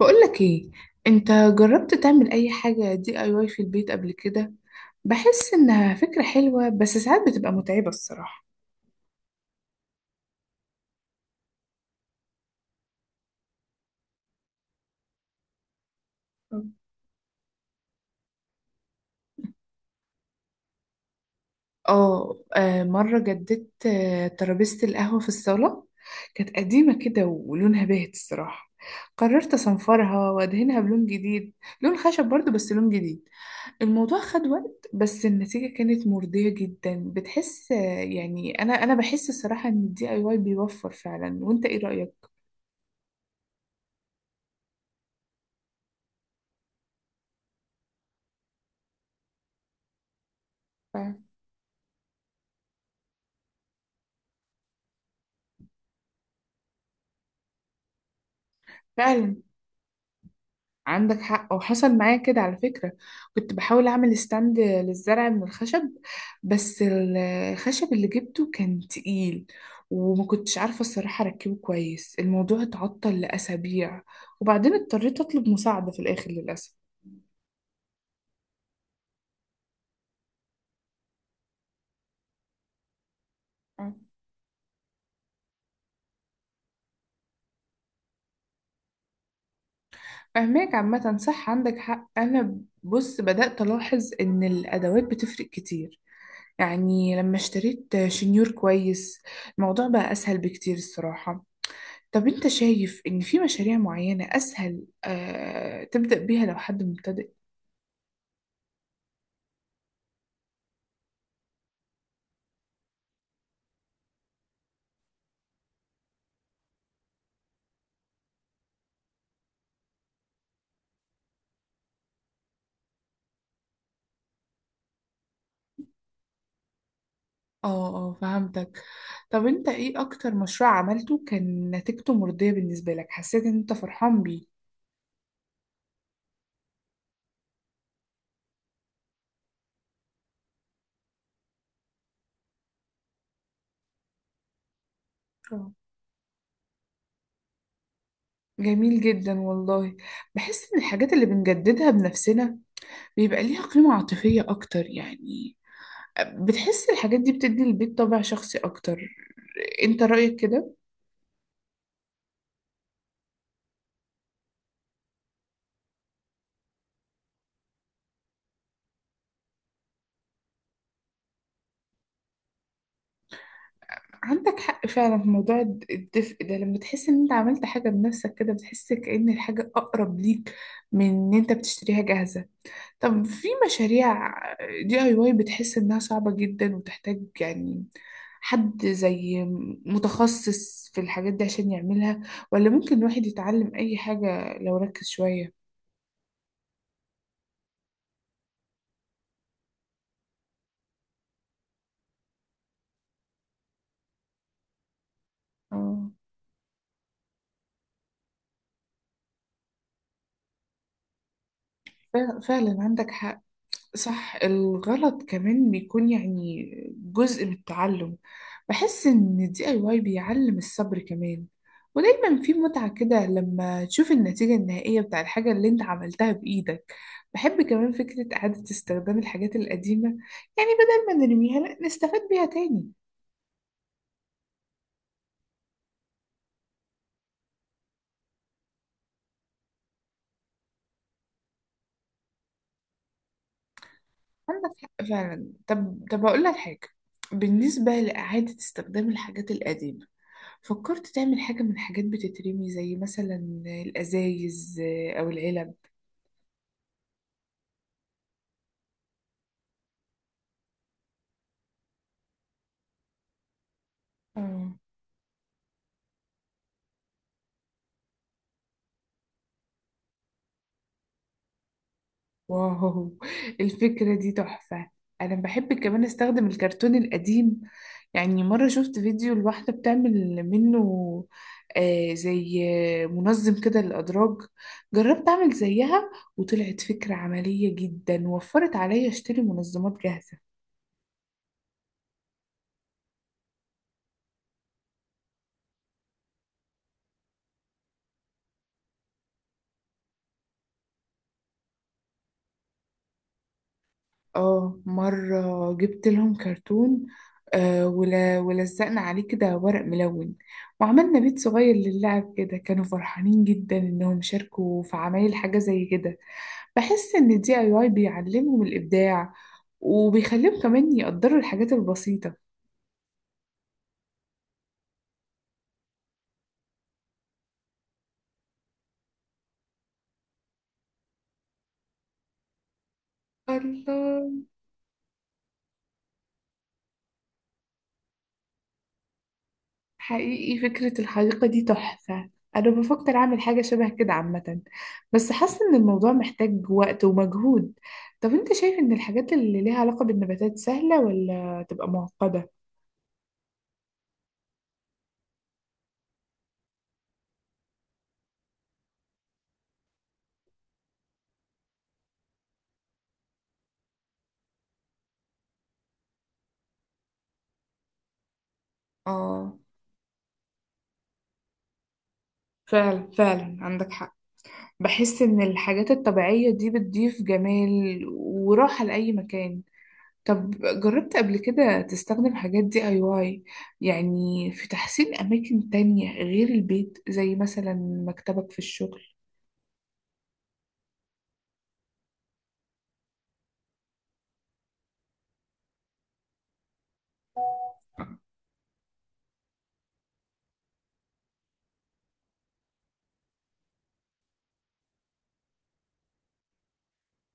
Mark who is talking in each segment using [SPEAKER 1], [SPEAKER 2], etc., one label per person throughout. [SPEAKER 1] بقولك ايه؟ انت جربت تعمل اي حاجة دي اي واي في البيت قبل كده؟ بحس انها فكرة حلوة، بس ساعات بتبقى متعبة الصراحة. اه. مرة جددت ترابيزة القهوة في الصالة. كانت قديمة كده ولونها باهت الصراحة. قررت اصنفرها وادهنها بلون جديد، لون خشب برضو بس لون جديد. الموضوع خد وقت، بس النتيجة كانت مرضية جدا. بتحس آه، يعني انا بحس الصراحة ان الدي اي واي بيوفر فعلا. وانت ايه رأيك؟ فعلا عندك حق، وحصل معايا كده على فكرة. كنت بحاول أعمل ستاند للزرع من الخشب، بس الخشب اللي جبته كان تقيل، وما كنتش عارفة الصراحة أركبه كويس. الموضوع اتعطل لأسابيع، وبعدين اضطريت أطلب مساعدة في الآخر للأسف. أه. فهماك عامة، صح عندك حق. أنا بص بدأت ألاحظ إن الأدوات بتفرق كتير. يعني لما اشتريت شنيور كويس الموضوع بقى أسهل بكتير الصراحة. طب انت شايف ان في مشاريع معينة اسهل تبدأ بيها لو حد مبتدئ؟ اه اه، فهمتك. طب انت ايه اكتر مشروع عملته كان نتيجته مرضية بالنسبة لك، حسيت ان انت فرحان بيه؟ اه، جميل جدا والله. بحس ان الحاجات اللي بنجددها بنفسنا بيبقى ليها قيمة عاطفية اكتر، يعني بتحس الحاجات دي بتدي البيت طابع شخصي اكتر. انت رأيك كده؟ عندك حق فعلا في موضوع الدفء ده. لما تحس ان انت عملت حاجة بنفسك كده بتحس كأن الحاجة أقرب ليك، من ان انت بتشتريها جاهزة. طب في مشاريع دي اي واي بتحس انها صعبة جدا وتحتاج يعني حد زي متخصص في الحاجات دي عشان يعملها، ولا ممكن الواحد يتعلم اي حاجة لو ركز شوية؟ اه، فعلا عندك حق. صح، الغلط كمان بيكون يعني جزء من التعلم. بحس إن الدي اي واي بيعلم الصبر كمان، ودايما في متعة كده لما تشوف النتيجة النهائية بتاع الحاجة اللي انت عملتها بإيدك. بحب كمان فكرة إعادة استخدام الحاجات القديمة، يعني بدل ما نرميها لأ نستفاد بيها تاني. عندك حق فعلا. طب أقول لك حاجة، بالنسبة لإعادة استخدام الحاجات القديمة، فكرت تعمل حاجة من حاجات بتترمي زي مثلا الأزايز أو العلب؟ اه، واو، الفكرة دي تحفة. أنا بحب كمان أستخدم الكرتون القديم. يعني مرة شفت فيديو لواحدة بتعمل منه زي منظم كده للأدراج. جربت أعمل زيها، وطلعت فكرة عملية جدا، وفرت عليا أشتري منظمات جاهزة. اه، مرة جبت لهم كرتون ولزقنا عليه كده ورق ملون، وعملنا بيت صغير للعب كده. كانوا فرحانين جدا انهم شاركوا في عمايل حاجة زي كده. بحس ان الدي اي واي بيعلمهم الابداع، وبيخليهم كمان يقدروا الحاجات البسيطة. الله، حقيقي فكرة الحديقة دي تحفة. أنا بفكر أعمل حاجة شبه كده عامة، بس حاسة إن الموضوع محتاج وقت ومجهود. طب أنت شايف إن الحاجات اللي ليها علاقة بالنباتات سهلة ولا تبقى معقدة؟ اه، فعلا فعلا عندك حق. بحس إن الحاجات الطبيعية دي بتضيف جمال وراحة لأي مكان. طب جربت قبل كده تستخدم حاجات دي اي واي، يعني في تحسين أماكن تانية غير البيت زي مثلا مكتبك في الشغل؟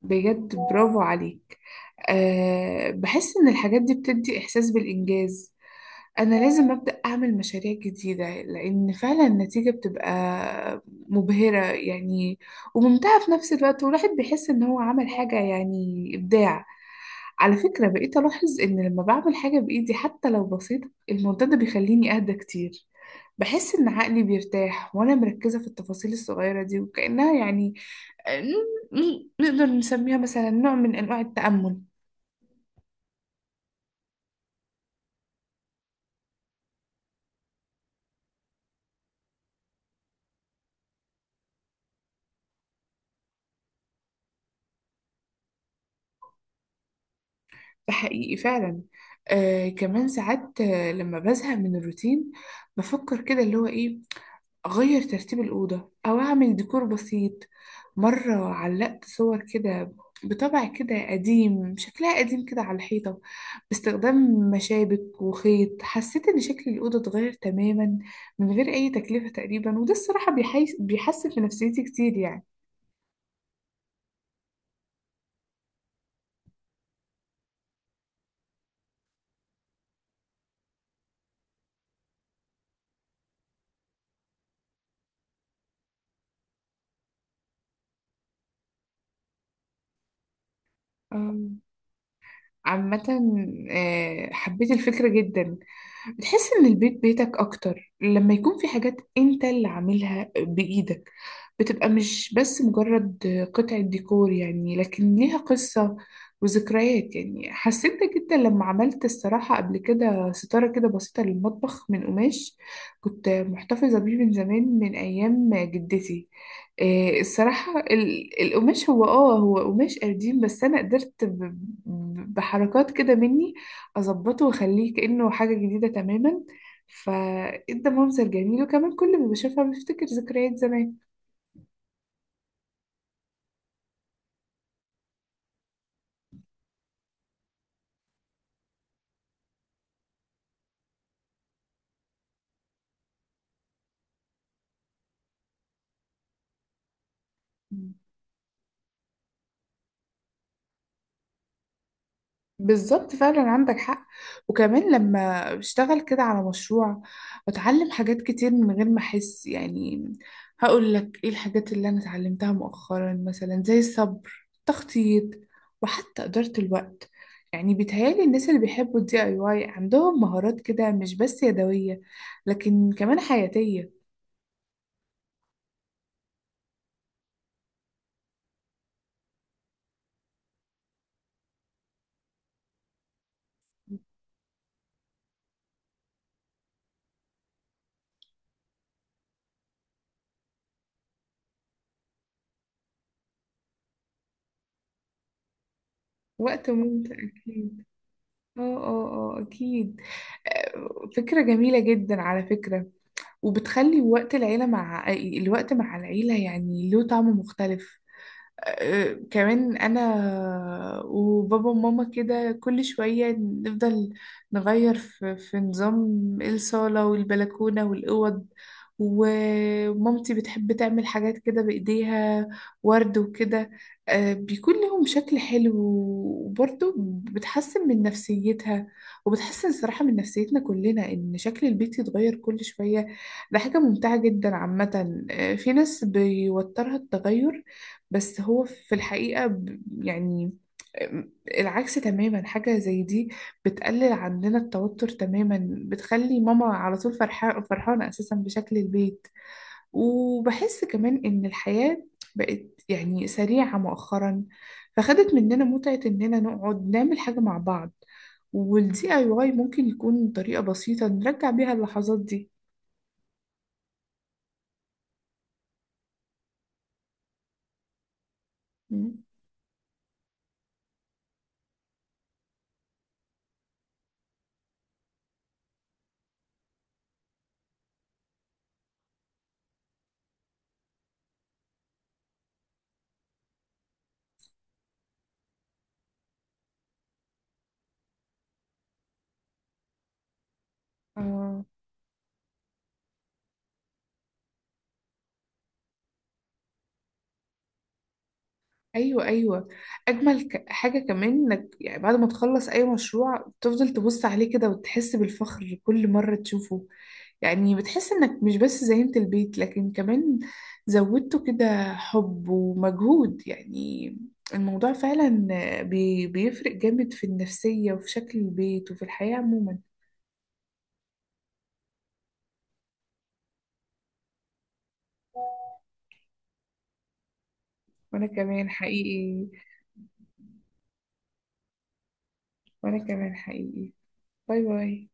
[SPEAKER 1] بجد، برافو عليك. أه، بحس إن الحاجات دي بتدي إحساس بالإنجاز. أنا لازم أبدأ أعمل مشاريع جديدة، لأن فعلا النتيجة بتبقى مبهرة يعني، وممتعة في نفس الوقت. والواحد بيحس إن هو عمل حاجة، يعني إبداع. على فكرة، بقيت ألاحظ إن لما بعمل حاجة بإيدي حتى لو بسيطة الموضوع ده بيخليني أهدى كتير. بحس إن عقلي بيرتاح وأنا مركزة في التفاصيل الصغيرة دي، وكأنها يعني نقدر نسميها مثلا نوع من أنواع التأمل. ده حقيقي فعلا. آه، كمان ساعات لما بزهق من الروتين بفكر كده اللي هو إيه، أغير ترتيب الأوضة أو أعمل ديكور بسيط. مرة علقت صور كده بطبع كده قديم، شكلها قديم كده على الحيطة باستخدام مشابك وخيط. حسيت إن شكل الأوضة اتغير تماما من غير أي تكلفة تقريبا، وده الصراحة بيحسن في نفسيتي كتير يعني. آه. عامة حبيت الفكرة جدا. بتحس إن البيت بيتك أكتر لما يكون في حاجات أنت اللي عاملها بإيدك، بتبقى مش بس مجرد قطعة ديكور يعني، لكن ليها قصة وذكريات. يعني حسيت ده جدا لما عملت الصراحة قبل كده ستارة كده بسيطة للمطبخ من قماش كنت محتفظة بيه من زمان من أيام جدتي. إيه الصراحة القماش هو قماش قديم، بس أنا قدرت بحركات كده مني أظبطه وأخليه كأنه حاجة جديدة تماما. فإدى منظر جميل، وكمان كل ما بشوفها بفتكر ذكريات زمان. بالظبط فعلا عندك حق. وكمان لما بشتغل كده على مشروع بتعلم حاجات كتير من غير ما احس، يعني هقول لك ايه الحاجات اللي انا اتعلمتها مؤخرا؟ مثلا زي الصبر، التخطيط، وحتى إدارة الوقت. يعني بيتهيألي الناس اللي بيحبوا الدي اي واي عندهم مهارات كده مش بس يدوية، لكن كمان حياتية. وقت ممتع أكيد. اه اه اه، أكيد. فكرة جميلة جدا على فكرة، وبتخلي وقت العيلة، مع الوقت مع العيلة، يعني له طعم مختلف. كمان انا وبابا وماما كده كل شوية نفضل نغير في نظام الصالة والبلكونة والأوض. ومامتي بتحب تعمل حاجات كده بإيديها، ورد وكده. بيكون لهم شكل حلو، وبرضه بتحسن من نفسيتها، وبتحسن صراحة من نفسيتنا كلنا إن شكل البيت يتغير كل شوية. ده حاجة ممتعة جدا عامة. في ناس بيوترها التغير، بس هو في الحقيقة يعني آمم، العكس تماما. حاجة زي دي بتقلل عندنا التوتر تماما، بتخلي ماما على طول فرحانة فرحانة أساسا بشكل البيت. وبحس كمان إن الحياة بقت يعني سريعة مؤخرا، فخدت مننا متعة إننا نقعد نعمل حاجة مع بعض. والدي اي واي ممكن يكون طريقة بسيطة نرجع بيها اللحظات دي. مم. آه. ايوه ايوه، اجمل حاجه كمان انك يعني بعد ما تخلص اي مشروع تفضل تبص عليه كده وتحس بالفخر كل مره تشوفه. يعني بتحس انك مش بس زينت البيت، لكن كمان زودته كده حب ومجهود يعني. الموضوع فعلا بيفرق جامد في النفسيه، وفي شكل البيت، وفي الحياه عموما. وانا كمان حقيقي. وانا كمان حقيقي. باي باي.